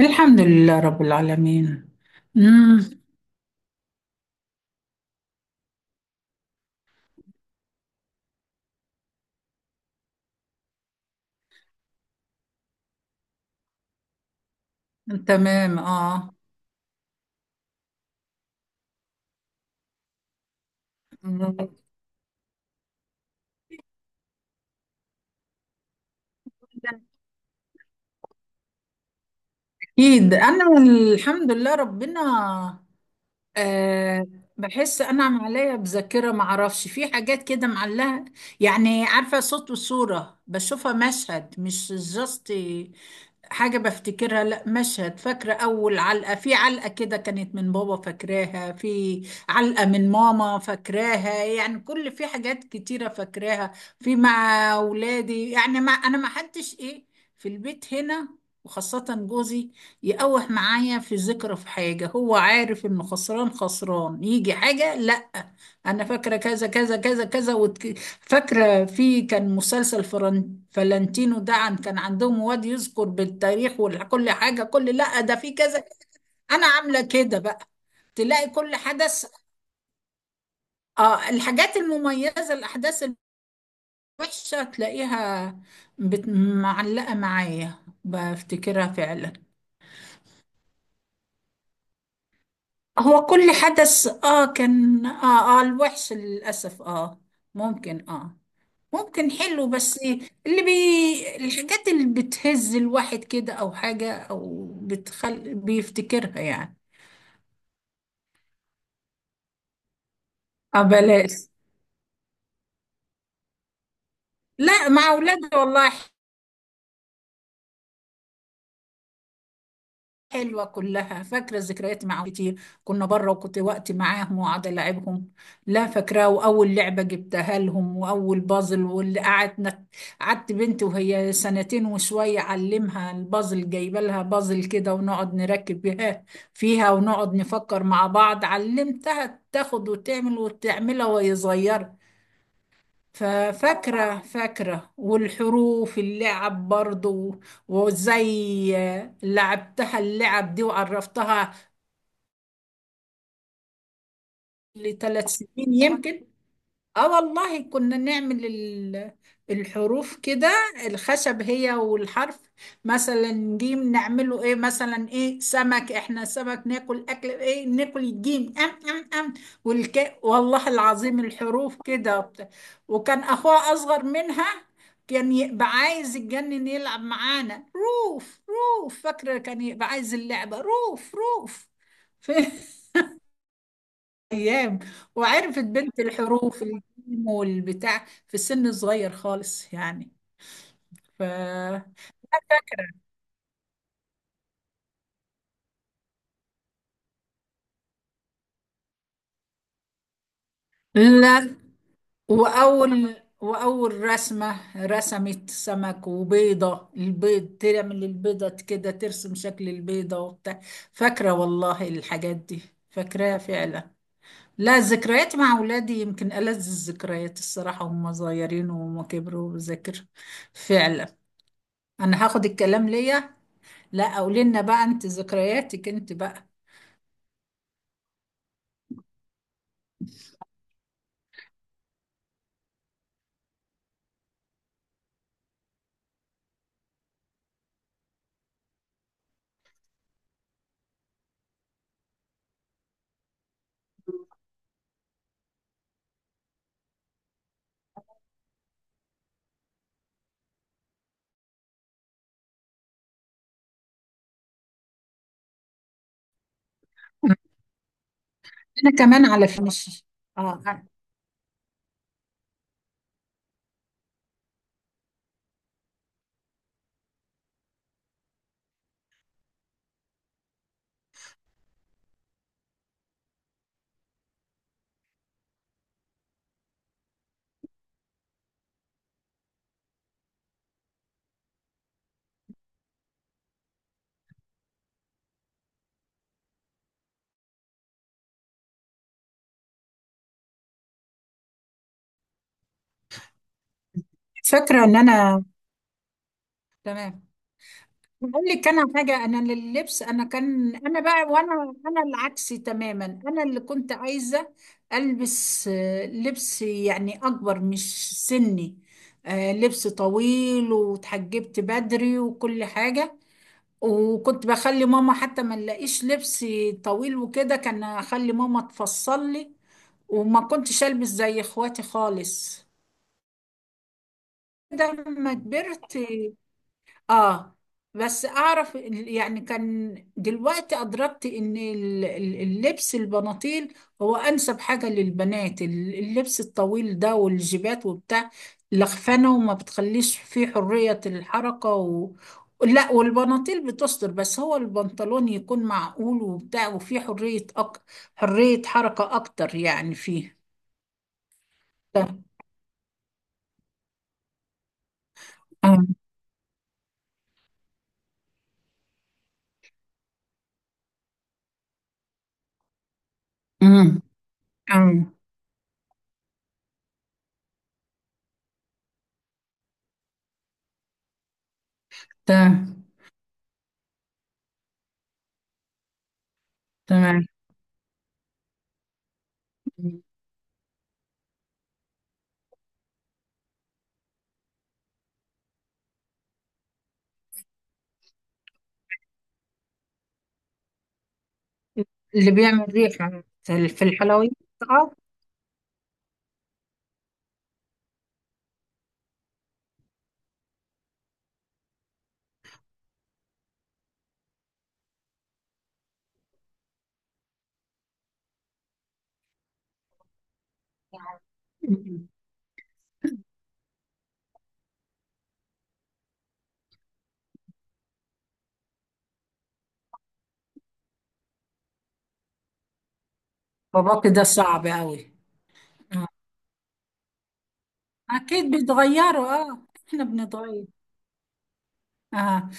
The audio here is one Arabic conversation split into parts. الحمد لله رب العالمين. امم. تمام، اه. أمم، اكيد انا. الحمد لله ربنا. أه. بحس انا معلقه بذاكره، ما اعرفش، في حاجات كده معلقه. يعني عارفه صوت وصوره بشوفها، مشهد مش جاست حاجه بفتكرها. لا مشهد، فاكره اول علقه. في علقه كده كانت من بابا فاكراها. في علقه من ماما فاكراها. يعني كل في حاجات كتيره فاكراها. في مع اولادي يعني، ما انا ما حدش ايه، في البيت هنا، وخاصه جوزي. يقوح معايا في ذكرى في حاجة، هو عارف انه خسران خسران يجي حاجة. لا انا فاكرة كذا كذا كذا كذا، فاكرة. في كان مسلسل فلانتينو ده، عن كان عندهم واد يذكر بالتاريخ وكل حاجة كل، لا ده في كذا. انا عاملة كده بقى، تلاقي كل حدث اه. الحاجات المميزة الاحداث الوحشة تلاقيها، معلقة معايا، بفتكرها فعلا. هو كل حدث اه كان، اه الوحش للأسف، اه ممكن اه ممكن حلو، بس اللي بي الحاجات اللي بتهز الواحد كده، او حاجة او بتخل بيفتكرها يعني. اه بلاش. لا، مع اولادي والله. حلوة كلها، فاكرة الذكريات معاهم كتير. كنا بره، وكنت وقت معاهم وقعد ألعبهم. لا فاكراه، وأول لعبة جبتها لهم وأول بازل واللي قعدنا. قعدت بنتي وهي سنتين وشوية أعلمها البازل، جايبة لها بازل كده ونقعد نركب بها فيها ونقعد نفكر مع بعض. علمتها تاخد وتعمل وتعملها وهي صغيرة. ففاكرة فاكرة، والحروف اللعب برضو، وازاي لعبتها اللعب دي وعرفتها لثلاث سنين يمكن. اه والله كنا نعمل الحروف كده، الخشب هي والحرف. مثلا جيم نعمله ايه، مثلا ايه سمك، احنا سمك ناكل، اكل ايه ناكل، الجيم ام ام ام والك والله العظيم الحروف كده وكان اخوها اصغر منها، كان يبقى عايز يتجنن يلعب معانا. روف روف، فاكرة كان يبقى عايز اللعبة روف روف. ايام. وعرفت بنت الحروف الجيم والبتاع في السن صغير خالص يعني. ف لا. واول واول رسمه رسمت سمك وبيضه، البيض تعمل البيضه كده، ترسم شكل البيضه وبتاع. فاكره والله الحاجات دي، فاكراها فعلا. لا، ذكريات مع اولادي يمكن ألذ الذكريات الصراحه، هم صغيرين وهم كبروا بذاكر فعلا. انا هاخد الكلام ليا. لا، قولي لنا بقى، انت ذكرياتك انت بقى. انا كمان على فكره مش. اه أنا فاكره ان انا. تمام. بقول لك انا حاجه، انا لللبس، انا كان انا بقى، وانا العكس تماما. انا اللي كنت عايزه البس، آه، لبس يعني اكبر مش سني. آه، لبس طويل، وتحجبت بدري وكل حاجه. وكنت بخلي ماما حتى ما نلاقيش لبسي طويل وكده، كان اخلي ماما تفصل لي. وما كنتش البس زي اخواتي خالص لما كبرت. اه بس اعرف يعني كان دلوقتي ادركت ان اللبس البناطيل هو انسب حاجة للبنات. اللبس الطويل ده والجيبات وبتاع لخفانة، وما بتخليش فيه حرية الحركة و... لا والبناطيل بتستر، بس هو البنطلون يكون معقول وبتاع وفيه حرية حرية حركة اكتر يعني فيه. ده. آه. أم. تمام. تمام. اللي بيعمل ريحة في في الحلويات. اه. أمم. باباكي ده صعب أوي. آه. أكيد بيتغيروا، اه احنا بنتغير. اه.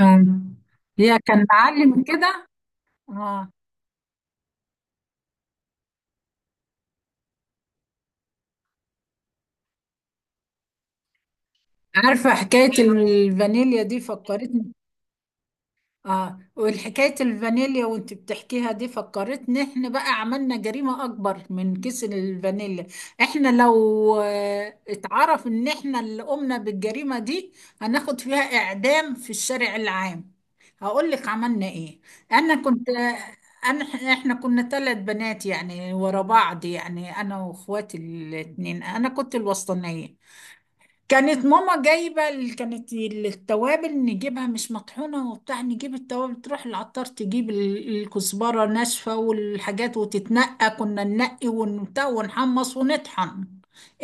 أم. هي كان معلم كده. اه. عارفة حكاية الفانيليا دي فكرتني. اه، والحكاية الفانيليا وانت بتحكيها دي فكرتني، احنا بقى عملنا جريمة اكبر من كيس الفانيليا. احنا لو، آه، اتعرف ان احنا اللي قمنا بالجريمة دي هناخد فيها اعدام في الشارع العام. هقول لك عملنا ايه. انا كنت، انا، احنا كنا ثلاث بنات يعني ورا بعض، يعني انا واخواتي الاثنين، انا كنت الوسطانية. كانت ماما جايبة كانت التوابل نجيبها مش مطحونة وبتاع، نجيب التوابل، تروح العطار تجيب الكزبرة ناشفة والحاجات، وتتنقى، كنا ننقي ونبتاع ونحمص ونطحن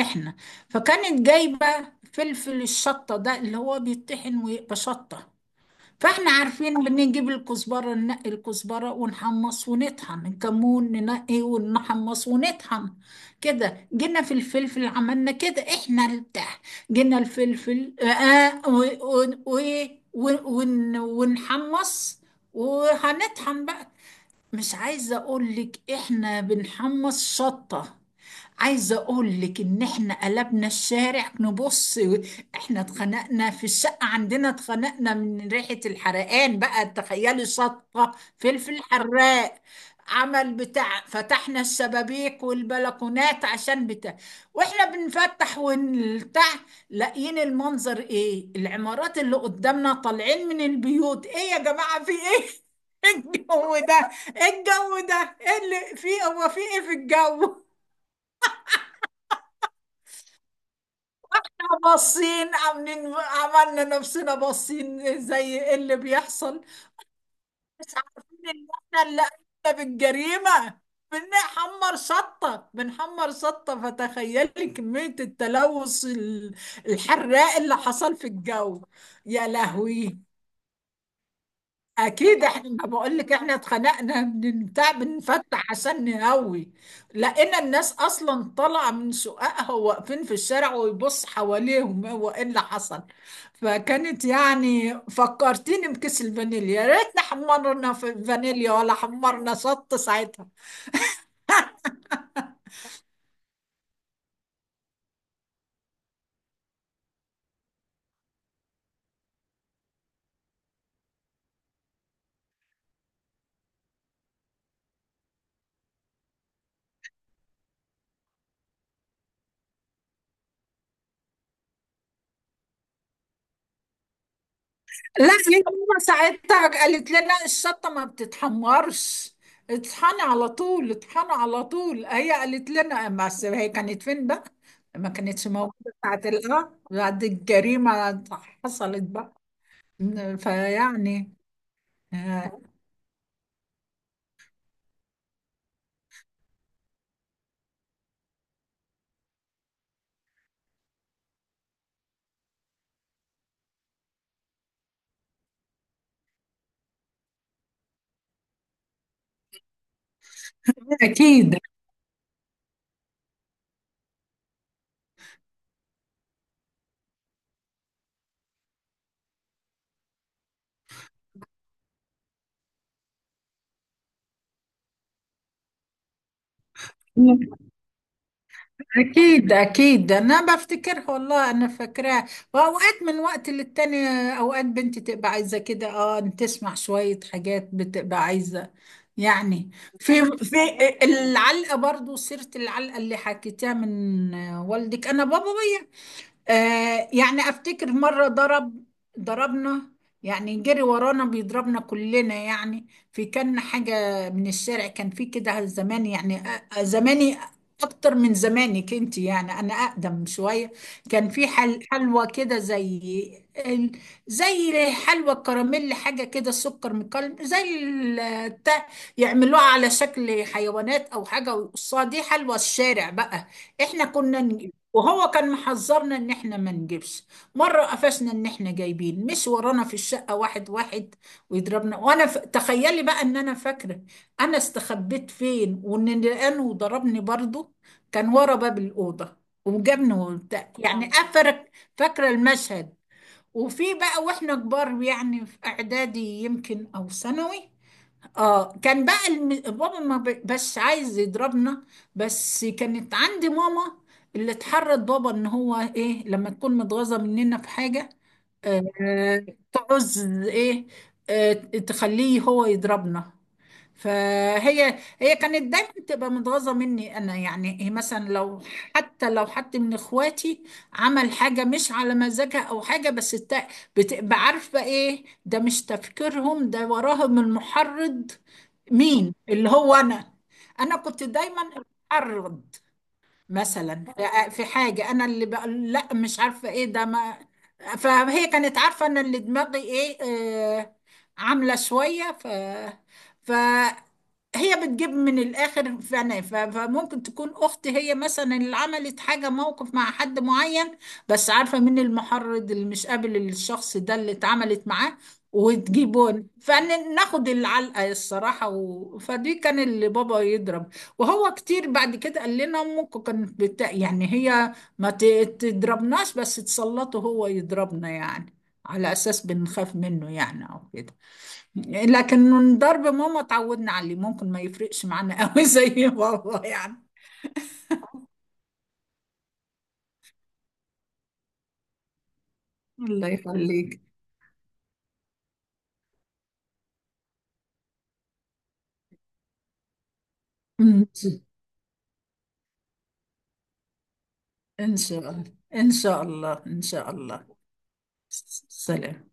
احنا. فكانت جايبة فلفل الشطة ده اللي هو بيطحن ويبقى شطة. فاحنا عارفين بنجيب الكزبرة ننقي الكزبرة ونحمص ونطحن، الكمون ننقي ونحمص ونطحن كده. جينا في الفلفل عملنا كده احنا البتاع، جينا الفلفل، آه آه، و و ونحمص، وهنطحن بقى. مش عايزة اقولك احنا بنحمص شطة. عايزة اقول لك ان احنا قلبنا الشارع نبص. احنا اتخنقنا في الشقة عندنا، اتخنقنا من ريحة الحرقان بقى، تخيلي شطة فلفل حراق عمل بتاع، فتحنا الشبابيك والبلكونات عشان بتاع. واحنا بنفتح ونفتح لاقيين المنظر، ايه العمارات اللي قدامنا طالعين من البيوت، ايه يا جماعة في ايه؟ الجو ده الجو ده ايه اللي في، هو في ايه في الجو؟ باصين عاملين، عملنا نفسنا باصين زي ايه اللي بيحصل، مش عارفين ان احنا اللي قمنا بالجريمة. بنحمر شطة بنحمر شطة، فتخيلي كمية التلوث الحراق اللي حصل في الجو. يا لهوي. اكيد احنا، ما بقول لك احنا اتخنقنا من بتاع بنفتح عشان نهوي. لقينا الناس اصلا طالعه من سوقها واقفين في الشارع، ويبص حواليهم هو ايه اللي حصل. فكانت يعني فكرتيني بكيس الفانيليا، يا ريتنا حمرنا في الفانيليا ولا حمرنا شط ساعتها. لا هي ماما ساعتها قالت لنا الشطه ما بتتحمرش، اطحني على طول اطحني على طول، هي قالت لنا، بس هي كانت فين بقى؟ ما كانتش موجوده ساعه الغد، بعد الجريمه حصلت بقى. فيعني. آه، اكيد. أكيد أكيد أنا بفتكرها والله، أنا فاكراها. وأوقات من وقت للتاني، أوقات بنتي تبقى عايزة كده أه، إن تسمع شوية حاجات بتبقى عايزة يعني. في في العلقة برضو، سيرة العلقة اللي حكيتها من والدك، أنا بابا، آه، يعني افتكر مرة ضرب ضربنا، يعني جري ورانا بيضربنا كلنا يعني. في كان حاجة من الشارع كان في كده زمان، يعني زماني اكتر من زمانك انت يعني، انا اقدم شوية. كان في حل حلوى كده زي ال- زي حلوى كراميل حاجة كده سكر مكلم زي يعملوها على شكل حيوانات او حاجة ويقصوها، دي حلوى الشارع بقى. احنا كنا، وهو كان محذرنا ان احنا ما نجيبش. مره قفشنا ان احنا جايبين، مش ورانا في الشقه واحد واحد ويضربنا. وانا تخيلي بقى ان انا فاكره انا استخبيت فين، وان لقانه وضربني برضه، كان ورا باب الاوضه، وجابني وبتاع يعني طبعا افرك. فاكره المشهد. وفي بقى واحنا كبار يعني في اعدادي يمكن او ثانوي، اه كان بقى بابا ما ب... بس عايز يضربنا، بس كانت عندي ماما اللي اتحرض بابا ان هو ايه، لما تكون متغاظه مننا في حاجه، آه، تعوز ايه، آه، تخليه هو يضربنا. فهي هي كانت دايما بتبقى متغاظه مني انا يعني. هي مثلا لو حتى لو حد من اخواتي عمل حاجه مش على مزاجها او حاجه بس بتبقى عارفه ايه ده، مش تفكيرهم ده وراهم المحرض. مين اللي هو انا، انا كنت دايما المحرض. مثلا في حاجة أنا اللي بقول لا مش عارفة إيه ده ما، فهي كانت عارفة أنا اللي دماغي إيه. آه، عاملة شوية ف. فهي بتجيب من الآخر، فأنا فممكن تكون أختي هي مثلا اللي عملت حاجة موقف مع حد معين، بس عارفة مين المحرض اللي مش قابل الشخص ده اللي اتعملت معاه، وتجيبون فناخد العلقة الصراحة و... فدي كان اللي بابا يضرب. وهو كتير بعد كده قال لنا امك كانت يعني هي ما ت- تضربناش بس تسلطه هو يضربنا يعني، على اساس بنخاف منه يعني او كده. لكن ضرب ماما اتعودنا عليه، ممكن ما يفرقش معانا قوي زي بابا يعني. الله يخليك. ان شاء. إن شاء الله. ان شاء الله ان شاء الله. سلام.